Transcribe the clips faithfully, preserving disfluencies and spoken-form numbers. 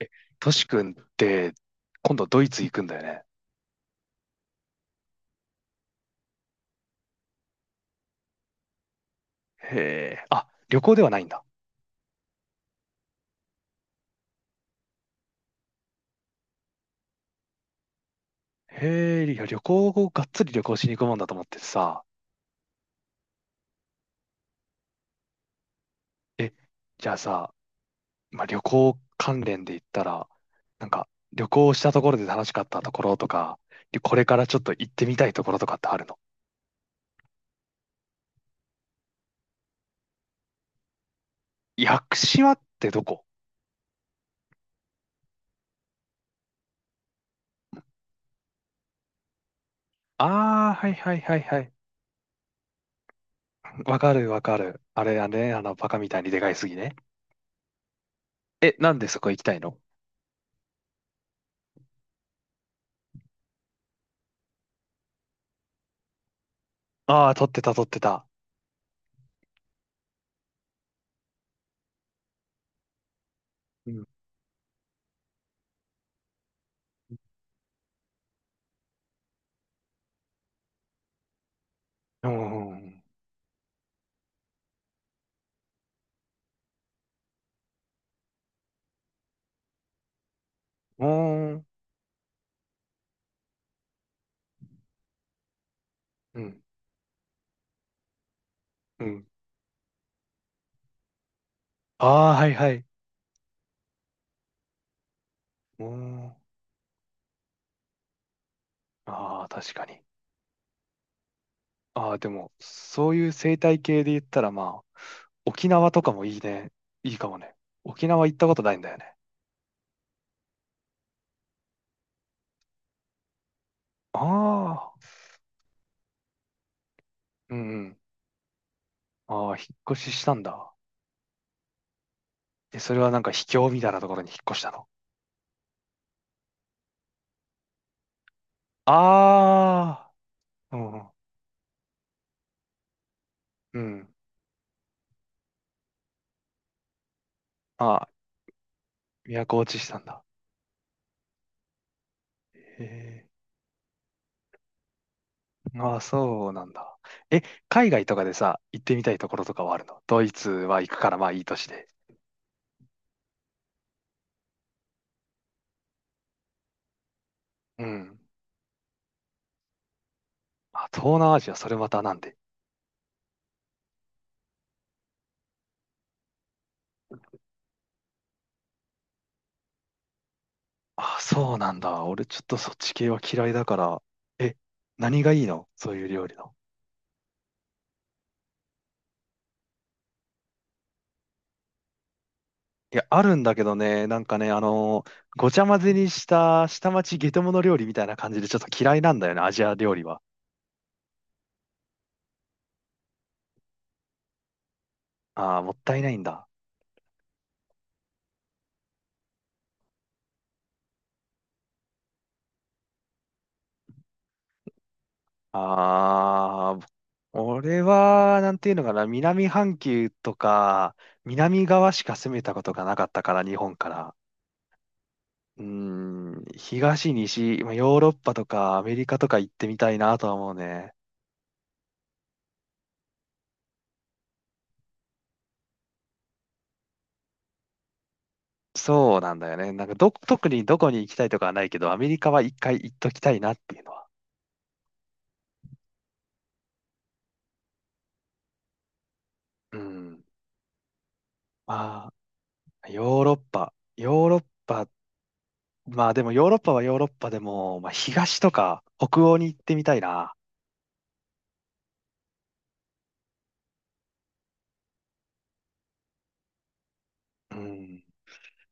えトシ君って今度ドイツ行くんだよね。へえ。あ、旅行ではないんだ。へえ、いや、旅行をがっつり旅行しに行くもんだと思ってさ。え、じゃあさ、まあ、旅行関連で言ったら、なんか旅行したところで楽しかったところとか、でこれからちょっと行ってみたいところとかってあるの？屋久島ってどこ？ああー、はいはいはいはい。わかるわかる。あれあれ、あの、バカみたいにでかいすぎね。え、なんでそこ行きたいの？ああー、撮ってた撮ってた。うん。うんうんうん。おーん。うん。うん。ああ、はいはい。おーん。ああ、確かに。ああ、でも、そういう生態系で言ったら、まあ、沖縄とかもいいね。いいかもね。沖縄行ったことないんだよね。ああ、うんうん。ああ、引っ越ししたんだ。え、それはなんか秘境みたいなところに引っ越したの？ああ、うんうんうん。ああ、都落ちしたんだ。へえ。ああ、そうなんだ。え、海外とかでさ、行ってみたいところとかはあるの？ドイツは行くからまあいいとして。うん。あ、東南アジア、それまたなんで？あ、そうなんだ。俺ちょっとそっち系は嫌いだから。え、何がいいの？そういう料理の。いや、あるんだけどね、なんかね、あのーごちゃ混ぜにした下町ゲトモノ料理みたいな感じでちょっと嫌いなんだよね、アジア料理は。あーもったいないんだ。あー俺は、なんていうのかな、南半球とか、南側しか攻めたことがなかったから、日本から。うーん、東、西、まあ、ヨーロッパとかアメリカとか行ってみたいなとは思うね。そうなんだよね。なんかど、特にどこに行きたいとかはないけど、アメリカは一回行っときたいなっていうのは。うん。まあ、ヨーロッパ。ヨーロッパ。まあでもヨーロッパはヨーロッパでも、まあ東とか北欧に行ってみたいな。うん。い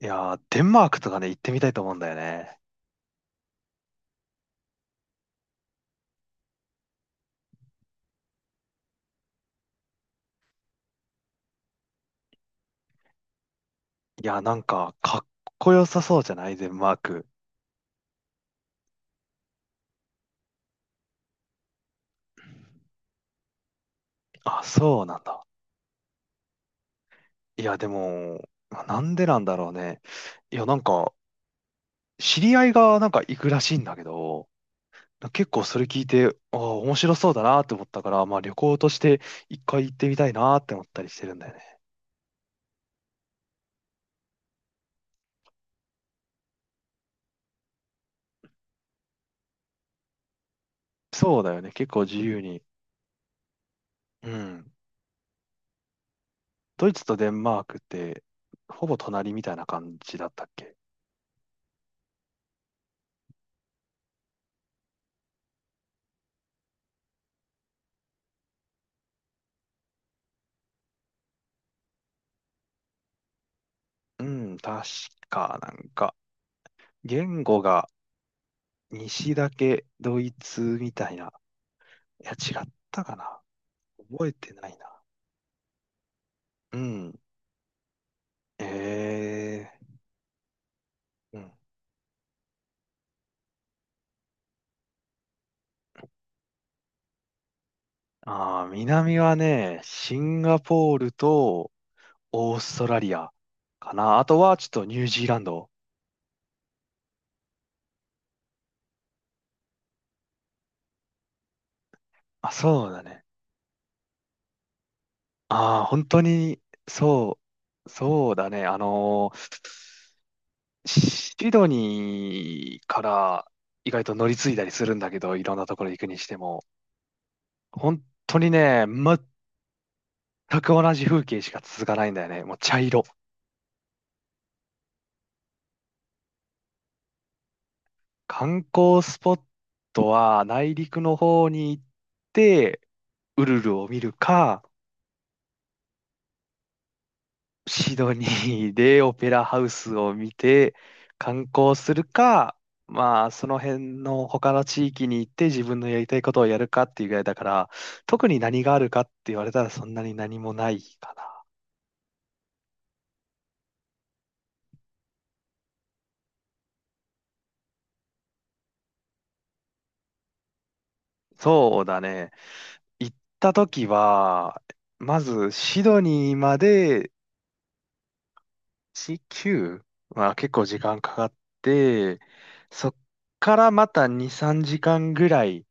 やー、デンマークとかね、行ってみたいと思うんだよね。いやー、なんか、かっこよさそうじゃないデンマーク？あ、そうなんだ。いや、でも、まあなんでなんだろうね。いや、なんか、知り合いがなんか行くらしいんだけど、結構それ聞いて、ああ、面白そうだなって思ったから、まあ旅行として一回行ってみたいなって思ったりしてるんだよね。そうだよね。結構自由に。うん。ドイツとデンマークって、ほぼ隣みたいな感じだったっけ？うん、確か、なんか、言語が西だけドイツみたいな。いや、違ったかな？覚えてないな。うん。ええうん。ああ南はね、シンガポールとオーストラリアかな。あとはちょっとニュージーランド。あ、そうだね。ああ、本当に、そう、そうだね。あのーシドニーから意外と乗り継いだりするんだけど、いろんなところ行くにしても、本当にね、全く同じ風景しか続かないんだよね。もう茶色。観光スポットは内陸の方に行ってウルルを見るか、シドニーでオペラハウスを見て観光するか、まあその辺の他の地域に行って自分のやりたいことをやるかっていうぐらいだから、特に何があるかって言われたらそんなに何もないかな。そうだね。行った時は、まずシドニーまでじゅうきゅうは結構時間かかって、そっからまたに、さんじかんぐらい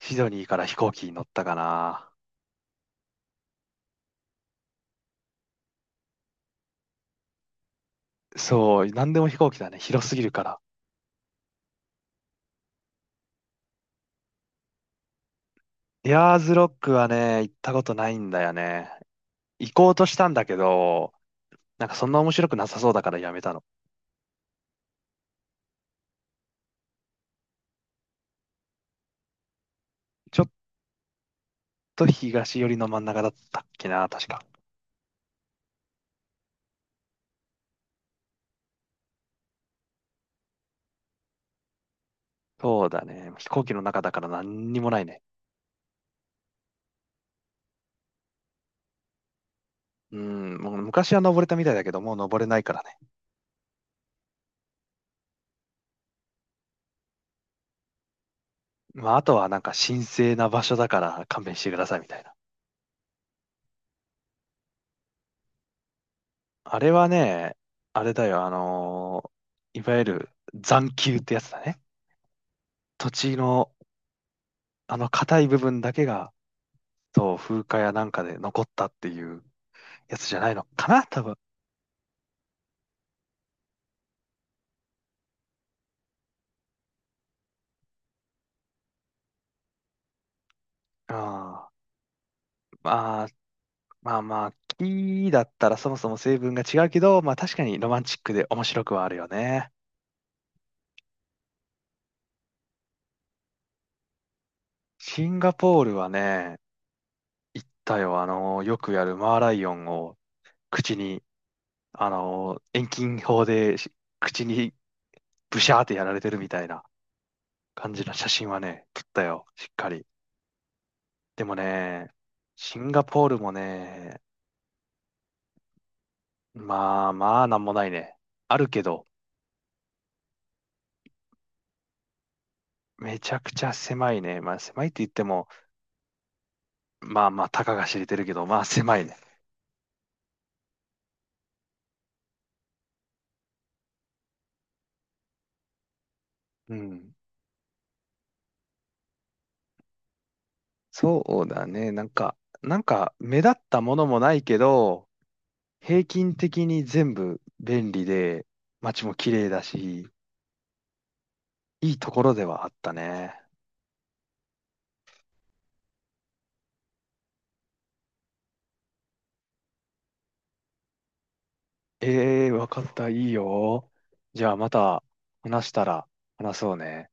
シドニーから飛行機に乗ったかな。そう、なんでも飛行機だね。広すぎるから。エアーズロックはね、行ったことないんだよね。行こうとしたんだけど、なんかそんな面白くなさそうだからやめたの。ちょっと東寄りの真ん中だったっけな、確か。そうだね。飛行機の中だから何にもないね。うん、もう昔は登れたみたいだけど、もう登れないからね。まあ、あとはなんか神聖な場所だから勘弁してくださいみたいな。あれはね、あれだよ、あのーいわゆる残丘ってやつだね。土地のあの硬い部分だけが、そう、風化やなんかで残ったっていうやつじゃないのかな、多分。あーまあ、まあまあ、木だったらそもそも成分が違うけど、まあ確かにロマンチックで面白くはあるよね。シンガポールはね、行ったよ、あのーよくやるマーライオンを口にあの、遠近法でし口にブシャーってやられてるみたいな感じの写真はね、撮ったよ、しっかり。でもね、シンガポールもね、まあまあなんもないね。あるけど、めちゃくちゃ狭いね。まあ狭いって言っても、まあまあたかが知れてるけど、まあ狭いね。うん。そうだね。なんか、なんか目立ったものもないけど、平均的に全部便利で、街も綺麗だし、いいところではあったね。ええー、わかった。いいよ。じゃあまた話したら話そうね。